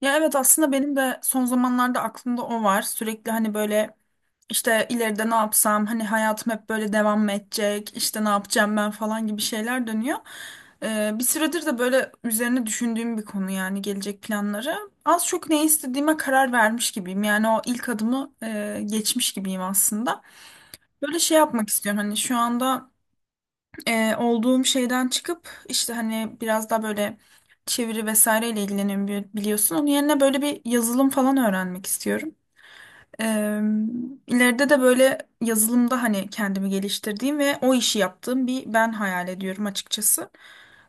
Ya evet aslında benim de son zamanlarda aklımda o var. Sürekli hani böyle işte ileride ne yapsam hani hayatım hep böyle devam mı edecek işte ne yapacağım ben falan gibi şeyler dönüyor. Bir süredir de böyle üzerine düşündüğüm bir konu yani gelecek planları. Az çok ne istediğime karar vermiş gibiyim. Yani o ilk adımı geçmiş gibiyim aslında. Böyle şey yapmak istiyorum hani şu anda olduğum şeyden çıkıp işte hani biraz daha böyle çeviri vesaireyle ilgileniyorum biliyorsun. Onun yerine böyle bir yazılım falan öğrenmek istiyorum. E, ileride de böyle yazılımda hani kendimi geliştirdiğim ve o işi yaptığım bir ben hayal ediyorum açıkçası.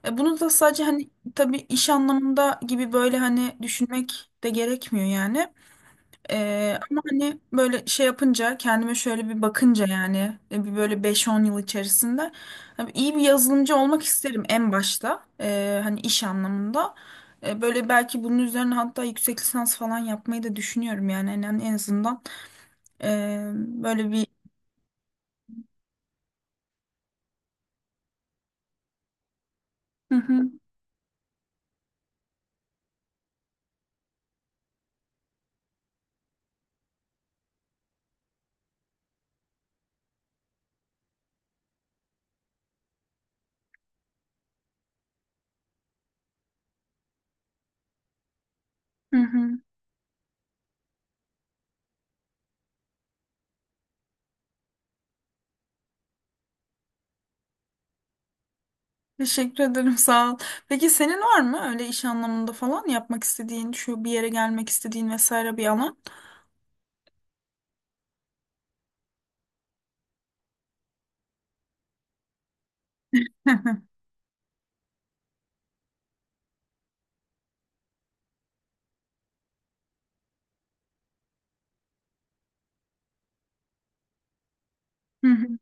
Bunu da sadece hani tabii iş anlamında gibi böyle hani düşünmek de gerekmiyor yani. Ama hani böyle şey yapınca kendime şöyle bir bakınca yani bir böyle beş-on yıl içerisinde hani iyi bir yazılımcı olmak isterim en başta. Hani iş anlamında. Böyle belki bunun üzerine hatta yüksek lisans falan yapmayı da düşünüyorum yani en azından böyle bir. Hı hı, hı hı. Teşekkür ederim, sağ ol. Peki senin var mı öyle iş anlamında falan yapmak istediğin, şu bir yere gelmek istediğin vesaire bir alan? Hı hı, hı hı.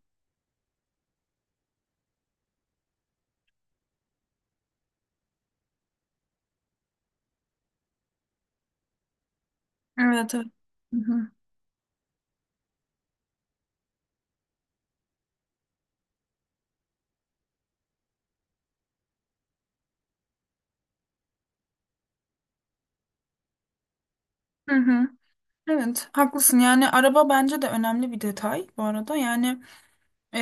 Evet, evet. Hı hı, hı hı. Evet, haklısın. Yani araba bence de önemli bir detay bu arada. Yani e,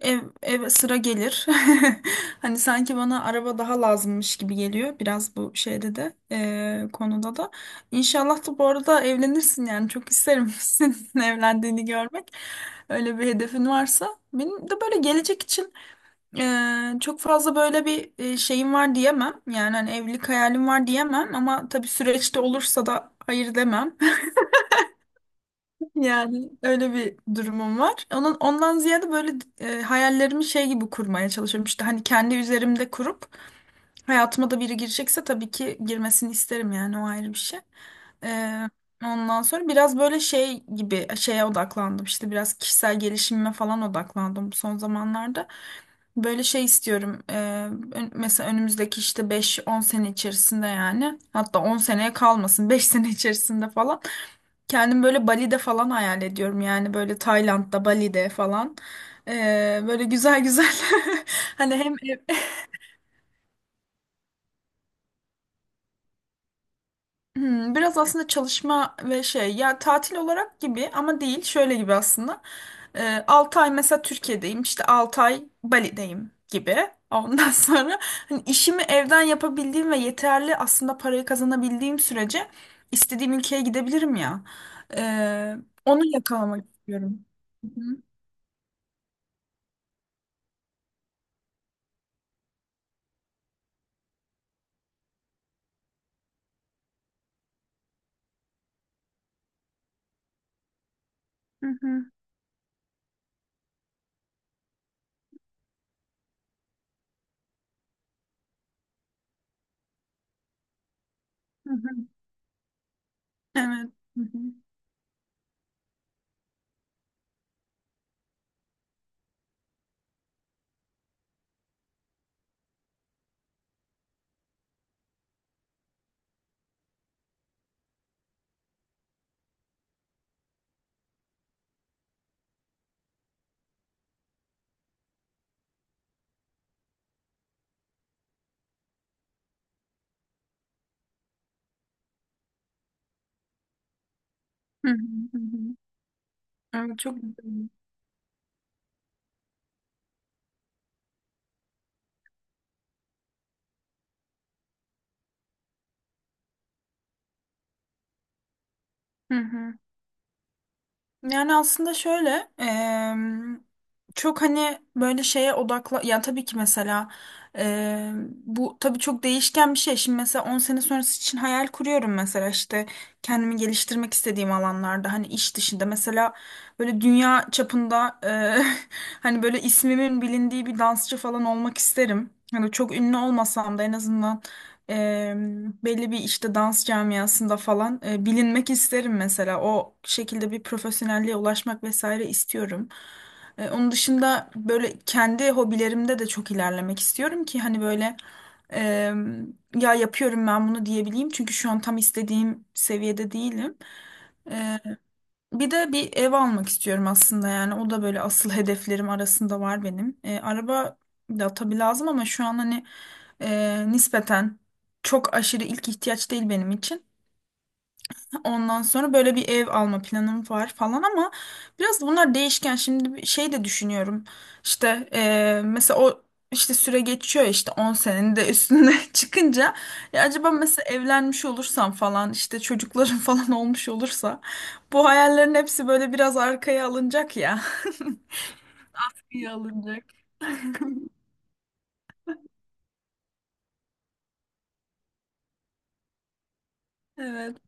ev sıra gelir. Hani sanki bana araba daha lazımmış gibi geliyor biraz bu şeyde de konuda da. İnşallah da bu arada evlenirsin yani çok isterim senin evlendiğini görmek. Öyle bir hedefin varsa. Benim de böyle gelecek için çok fazla böyle bir şeyim var diyemem. Yani hani evlilik hayalim var diyemem ama tabii süreçte olursa da hayır demem. Yani öyle bir durumum var. Onun ondan ziyade böyle hayallerimi şey gibi kurmaya çalışıyorum. İşte hani kendi üzerimde kurup hayatıma da biri girecekse tabii ki girmesini isterim yani o ayrı bir şey. E, Ondan sonra biraz böyle şey gibi şeye odaklandım. İşte biraz kişisel gelişimime falan odaklandım bu son zamanlarda. Böyle şey istiyorum. Mesela önümüzdeki işte beş on sene içerisinde yani hatta 10 seneye kalmasın, 5 sene içerisinde falan. Kendim böyle Bali'de falan hayal ediyorum yani böyle Tayland'da, Bali'de falan. Böyle güzel güzel hani hem. Hmm, biraz aslında çalışma ve şey ya tatil olarak gibi ama değil şöyle gibi aslında. 6 ay mesela Türkiye'deyim, işte 6 ay Bali'deyim gibi. Ondan sonra hani işimi evden yapabildiğim ve yeterli aslında parayı kazanabildiğim sürece istediğim ülkeye gidebilirim ya. Ee, Onu yakalamak istiyorum. Hı hı, hı hı, hı hı. Evet. Hı hı. Hı hı, hı hı. Evet, çok güzel. Hı hı. Yani aslında şöyle em, çok hani böyle şeye odakla. Ya tabii ki mesela bu tabii çok değişken bir şey. Şimdi mesela 10 sene sonrası için hayal kuruyorum, mesela işte kendimi geliştirmek istediğim alanlarda hani iş dışında mesela böyle dünya çapında hani böyle ismimin bilindiği bir dansçı falan olmak isterim. Hani çok ünlü olmasam da en azından e, belli bir işte dans camiasında falan bilinmek isterim mesela. O şekilde bir profesyonelliğe ulaşmak vesaire istiyorum. Onun dışında böyle kendi hobilerimde de çok ilerlemek istiyorum ki hani böyle e, ya yapıyorum ben bunu diyebileyim. Çünkü şu an tam istediğim seviyede değilim. Bir de bir ev almak istiyorum aslında yani o da böyle asıl hedeflerim arasında var benim. Araba da tabii lazım ama şu an hani nispeten çok aşırı ilk ihtiyaç değil benim için. Ondan sonra böyle bir ev alma planım var falan ama biraz da bunlar değişken. Şimdi bir şey de düşünüyorum. İşte mesela o işte süre geçiyor, işte 10 senenin de üstüne çıkınca ya acaba mesela evlenmiş olursam falan işte çocuklarım falan olmuş olursa bu hayallerin hepsi böyle biraz arkaya alınacak ya. İyi alınacak. Evet.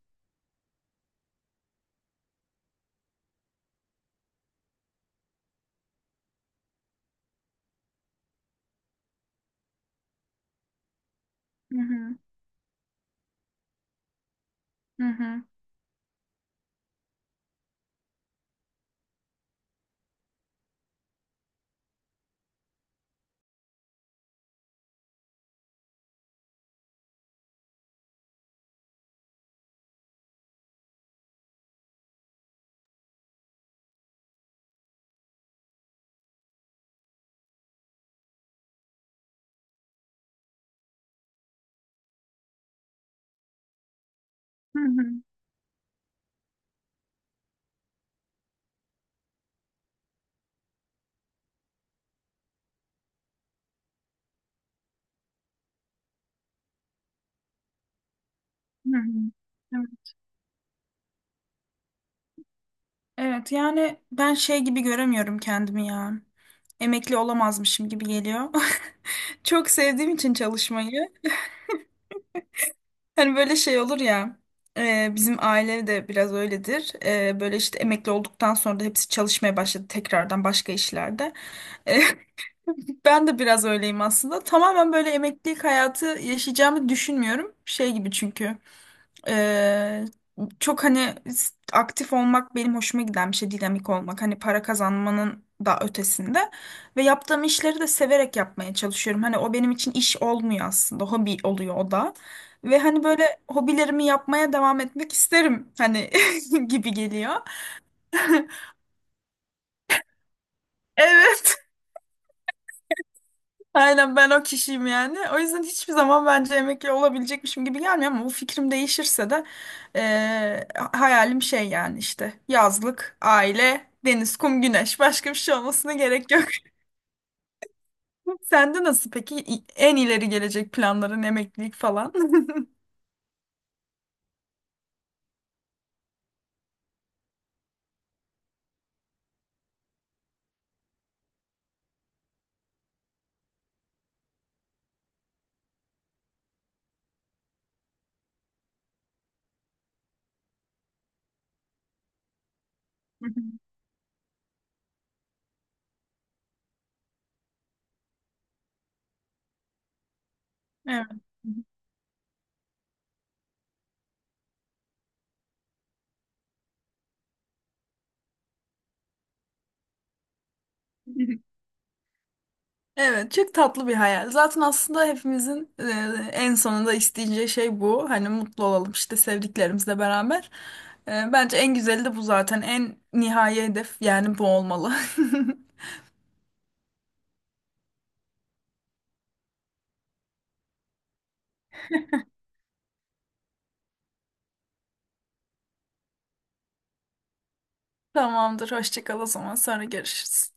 Hı hı, hı hı, hı hı, hı hı. Evet yani ben şey gibi göremiyorum kendimi ya. Emekli olamazmışım gibi geliyor. Çok sevdiğim için çalışmayı. Hani böyle şey olur ya. Bizim aile de biraz öyledir. Böyle işte emekli olduktan sonra da hepsi çalışmaya başladı tekrardan başka işlerde. Ben de biraz öyleyim aslında. Tamamen böyle emeklilik hayatı yaşayacağımı düşünmüyorum. Şey gibi çünkü. Ee, aktif olmak benim hoşuma giden bir şey. Dinamik olmak. Hani para kazanmanın da ötesinde. Ve yaptığım işleri de severek yapmaya çalışıyorum. Hani o benim için iş olmuyor aslında. Hobi oluyor o da. Ve hani böyle hobilerimi yapmaya devam etmek isterim. Hani gibi geliyor. Evet. Aynen ben o kişiyim yani. O yüzden hiçbir zaman bence emekli olabilecekmişim gibi gelmiyor ama bu fikrim değişirse de eee, hayalim şey yani işte yazlık, aile, deniz, kum, güneş, başka bir şey olmasına gerek yok. Sende nasıl peki? En ileri gelecek planların emeklilik falan? Evet. Evet, çok tatlı bir hayal. Zaten aslında hepimizin en sonunda isteyeceği şey bu. Hani mutlu olalım işte sevdiklerimizle beraber. Bence en güzeli de bu zaten. En nihai hedef yani bu olmalı. Tamamdır, hoşça kal o zaman. Sonra görüşürüz.